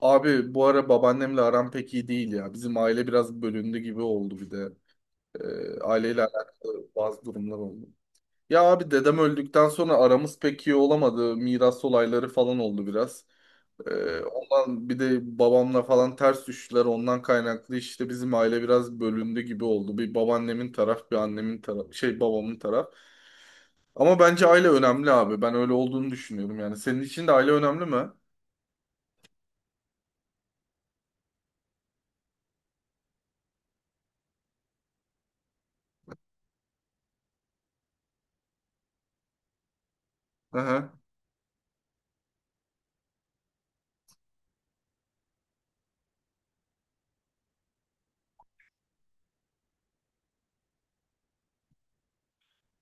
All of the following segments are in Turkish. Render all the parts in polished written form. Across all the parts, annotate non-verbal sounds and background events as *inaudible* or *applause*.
Abi bu ara babaannemle aram pek iyi değil ya. Bizim aile biraz bölündü gibi oldu bir de. Aileyle alakalı bazı durumlar oldu. Ya abi dedem öldükten sonra aramız pek iyi olamadı. Miras olayları falan oldu biraz. Ondan bir de babamla falan ters düştüler. Ondan kaynaklı işte bizim aile biraz bölündü gibi oldu. Bir babaannemin taraf, bir annemin taraf, şey babamın taraf. Ama bence aile önemli abi. Ben öyle olduğunu düşünüyorum yani. Senin için de aile önemli mi? Aha.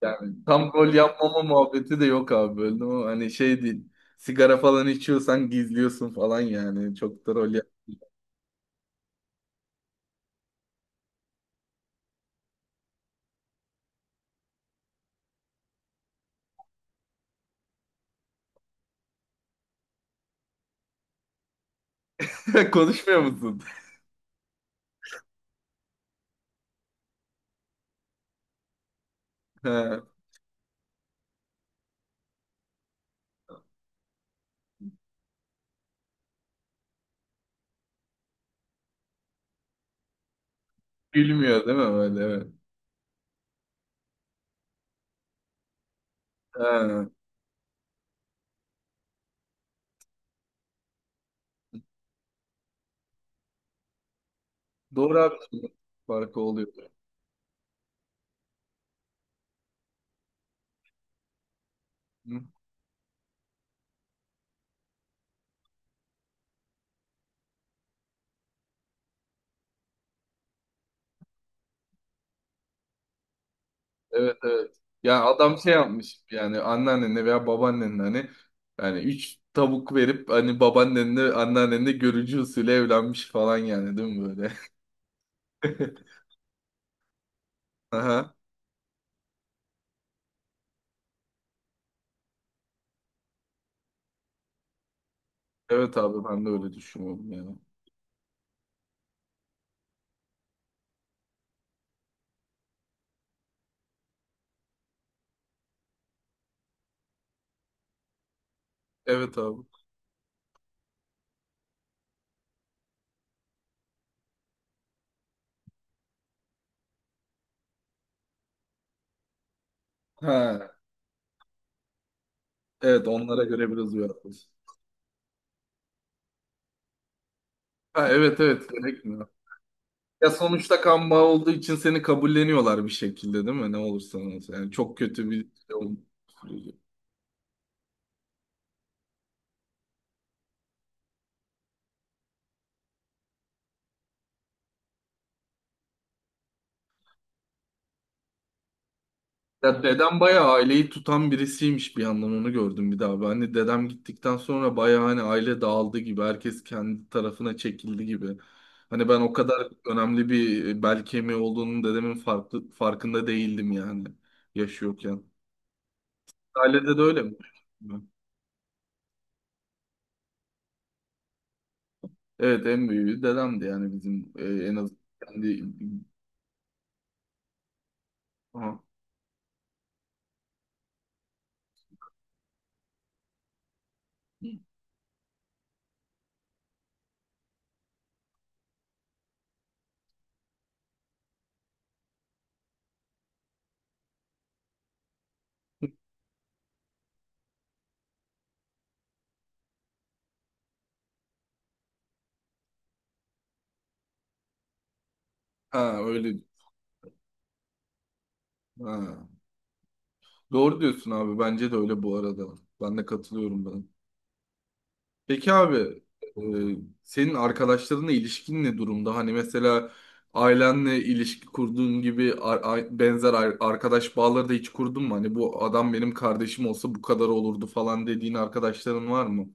Yani tam gol yapmama muhabbeti de yok abi, böyle o hani şey değil. Sigara falan içiyorsan gizliyorsun falan yani. Çok da rol yap. *laughs* Konuşmuyor musun? Ha. Gülmüyor değil mi böyle? Evet. Ha. Doğru abi. Farkı oluyor. Hı? Evet, evet. Ya adam şey yapmış yani anneannenle veya babaannenle hani, yani üç tavuk verip hani babaannenle anneannenle görücü usulü evlenmiş falan yani, değil mi böyle? *laughs* Aha. Evet abi, ben de öyle düşünüyorum yani. Evet abi. Ha, evet, onlara göre biraz uyarlıyoruz. Ha, evet, evet, gerekmiyor. Ya sonuçta kan bağı olduğu için seni kabulleniyorlar bir şekilde, değil mi? Ne olursa olsun. Yani çok kötü bir şey olmuş. Ya dedem bayağı aileyi tutan birisiymiş, bir yandan onu gördüm bir daha. Ben hani dedem gittikten sonra bayağı hani aile dağıldı gibi. Herkes kendi tarafına çekildi gibi. Hani ben o kadar önemli bir bel kemiği olduğunun dedemin farkında değildim yani yaşıyorken. Ailede de öyle mi? Evet, en büyüğü dedemdi yani bizim en az kendi. Ha, ha, öyle ha. Doğru diyorsun abi, bence de öyle bu arada. Ben de katılıyorum ben. Peki abi, e, senin arkadaşlarınla ilişkin ne durumda? Hani mesela ailenle ilişki kurduğun gibi benzer arkadaş bağları da hiç kurdun mu? Hani bu adam benim kardeşim olsa bu kadar olurdu falan dediğin arkadaşların var mı?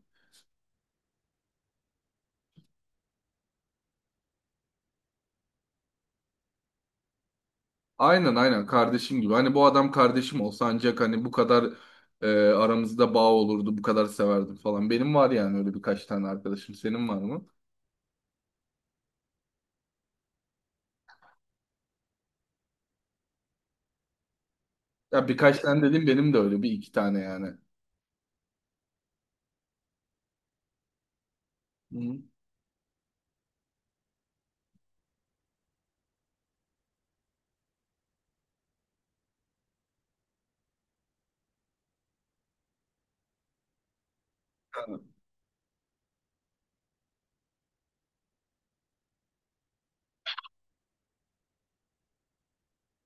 Aynen kardeşim gibi. Hani bu adam kardeşim olsa ancak hani bu kadar aramızda bağ olurdu, bu kadar severdim falan. Benim var yani öyle birkaç tane arkadaşım. Senin var mı? Ya birkaç tane dedim, benim de öyle bir iki tane yani. Hı.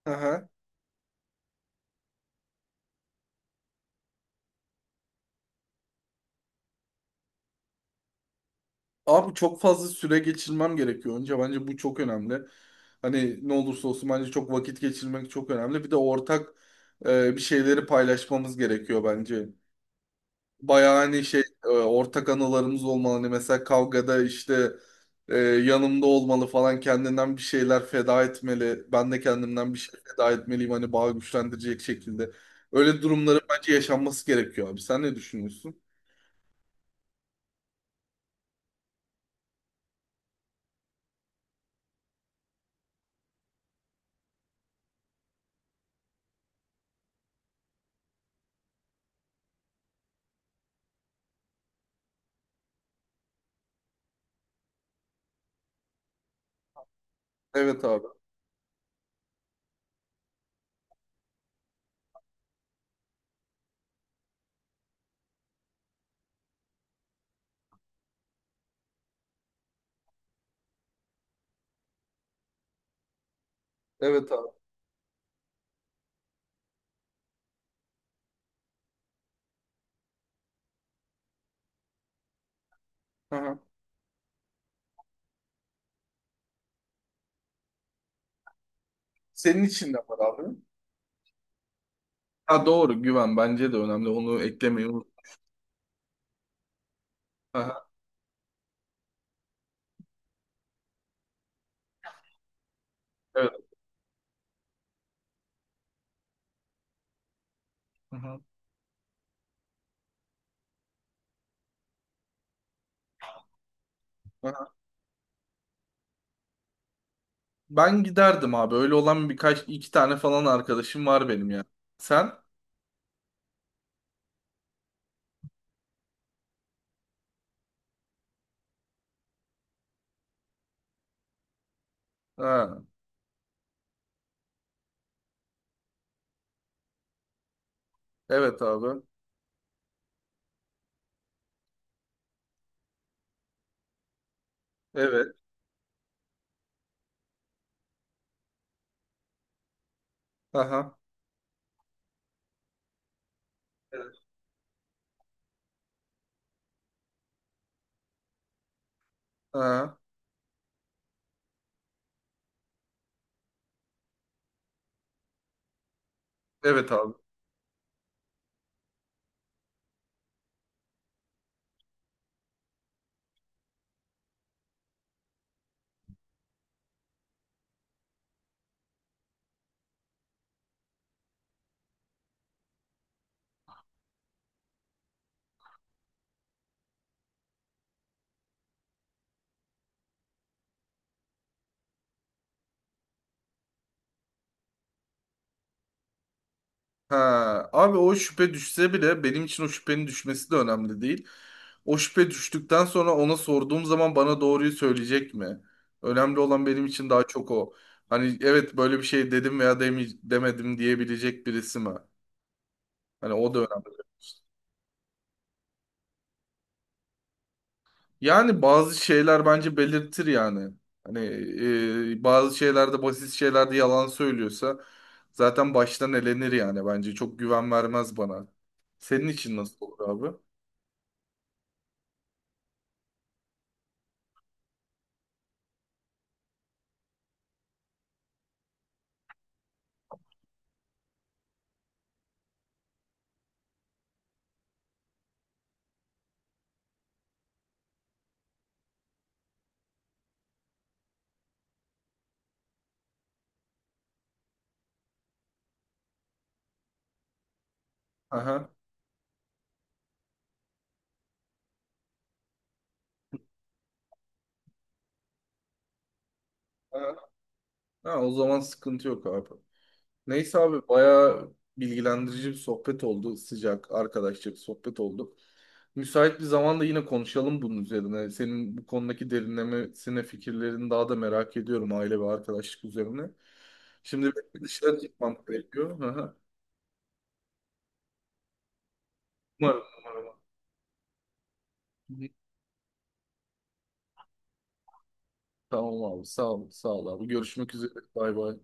Aha. Abi çok fazla süre geçirmem gerekiyor önce. Bence bu çok önemli. Hani ne olursa olsun bence çok vakit geçirmek çok önemli. Bir de ortak bir şeyleri paylaşmamız gerekiyor bence. Bayağı hani şey, ortak anılarımız olmalı. Hani mesela kavgada işte yanımda olmalı falan, kendinden bir şeyler feda etmeli. Ben de kendimden bir şey feda etmeliyim hani bağı güçlendirecek şekilde. Öyle durumların bence yaşanması gerekiyor abi. Sen ne düşünüyorsun? Evet abi. Evet abi. Hı hı. Senin için de var abi. Ha, doğru, güven bence de önemli. Onu eklemeyi unut. Hı hı. Evet. Hı hı. Hı hı. Ben giderdim abi. Öyle olan birkaç iki tane falan arkadaşım var benim ya. Sen? Ha, evet abi. Evet. Aha. Evet. Aha. Evet abi. Ha. Abi o şüphe düşse bile benim için o şüphenin düşmesi de önemli değil. O şüphe düştükten sonra ona sorduğum zaman bana doğruyu söyleyecek mi? Önemli olan benim için daha çok o. Hani evet böyle bir şey dedim veya demedim diyebilecek birisi mi? Hani o da önemli. Yani bazı şeyler bence belirtir yani. Hani bazı şeylerde, basit şeylerde yalan söylüyorsa zaten baştan elenir yani bence. Çok güven vermez bana. Senin için nasıl olur abi? Aha. Aha. Ha, o zaman sıkıntı yok abi. Neyse abi, bayağı bilgilendirici bir sohbet oldu. Sıcak, arkadaşça bir sohbet oldu. Müsait bir zamanda yine konuşalım bunun üzerine. Senin bu konudaki derinlemesine fikirlerini daha da merak ediyorum, aile ve arkadaşlık üzerine. Şimdi benim bir dışarı çıkmam gerekiyor. Hı hı. Umarım, umarım. Tamam abi, sağ ol, sağ ol abi. Görüşmek üzere. Bay bay.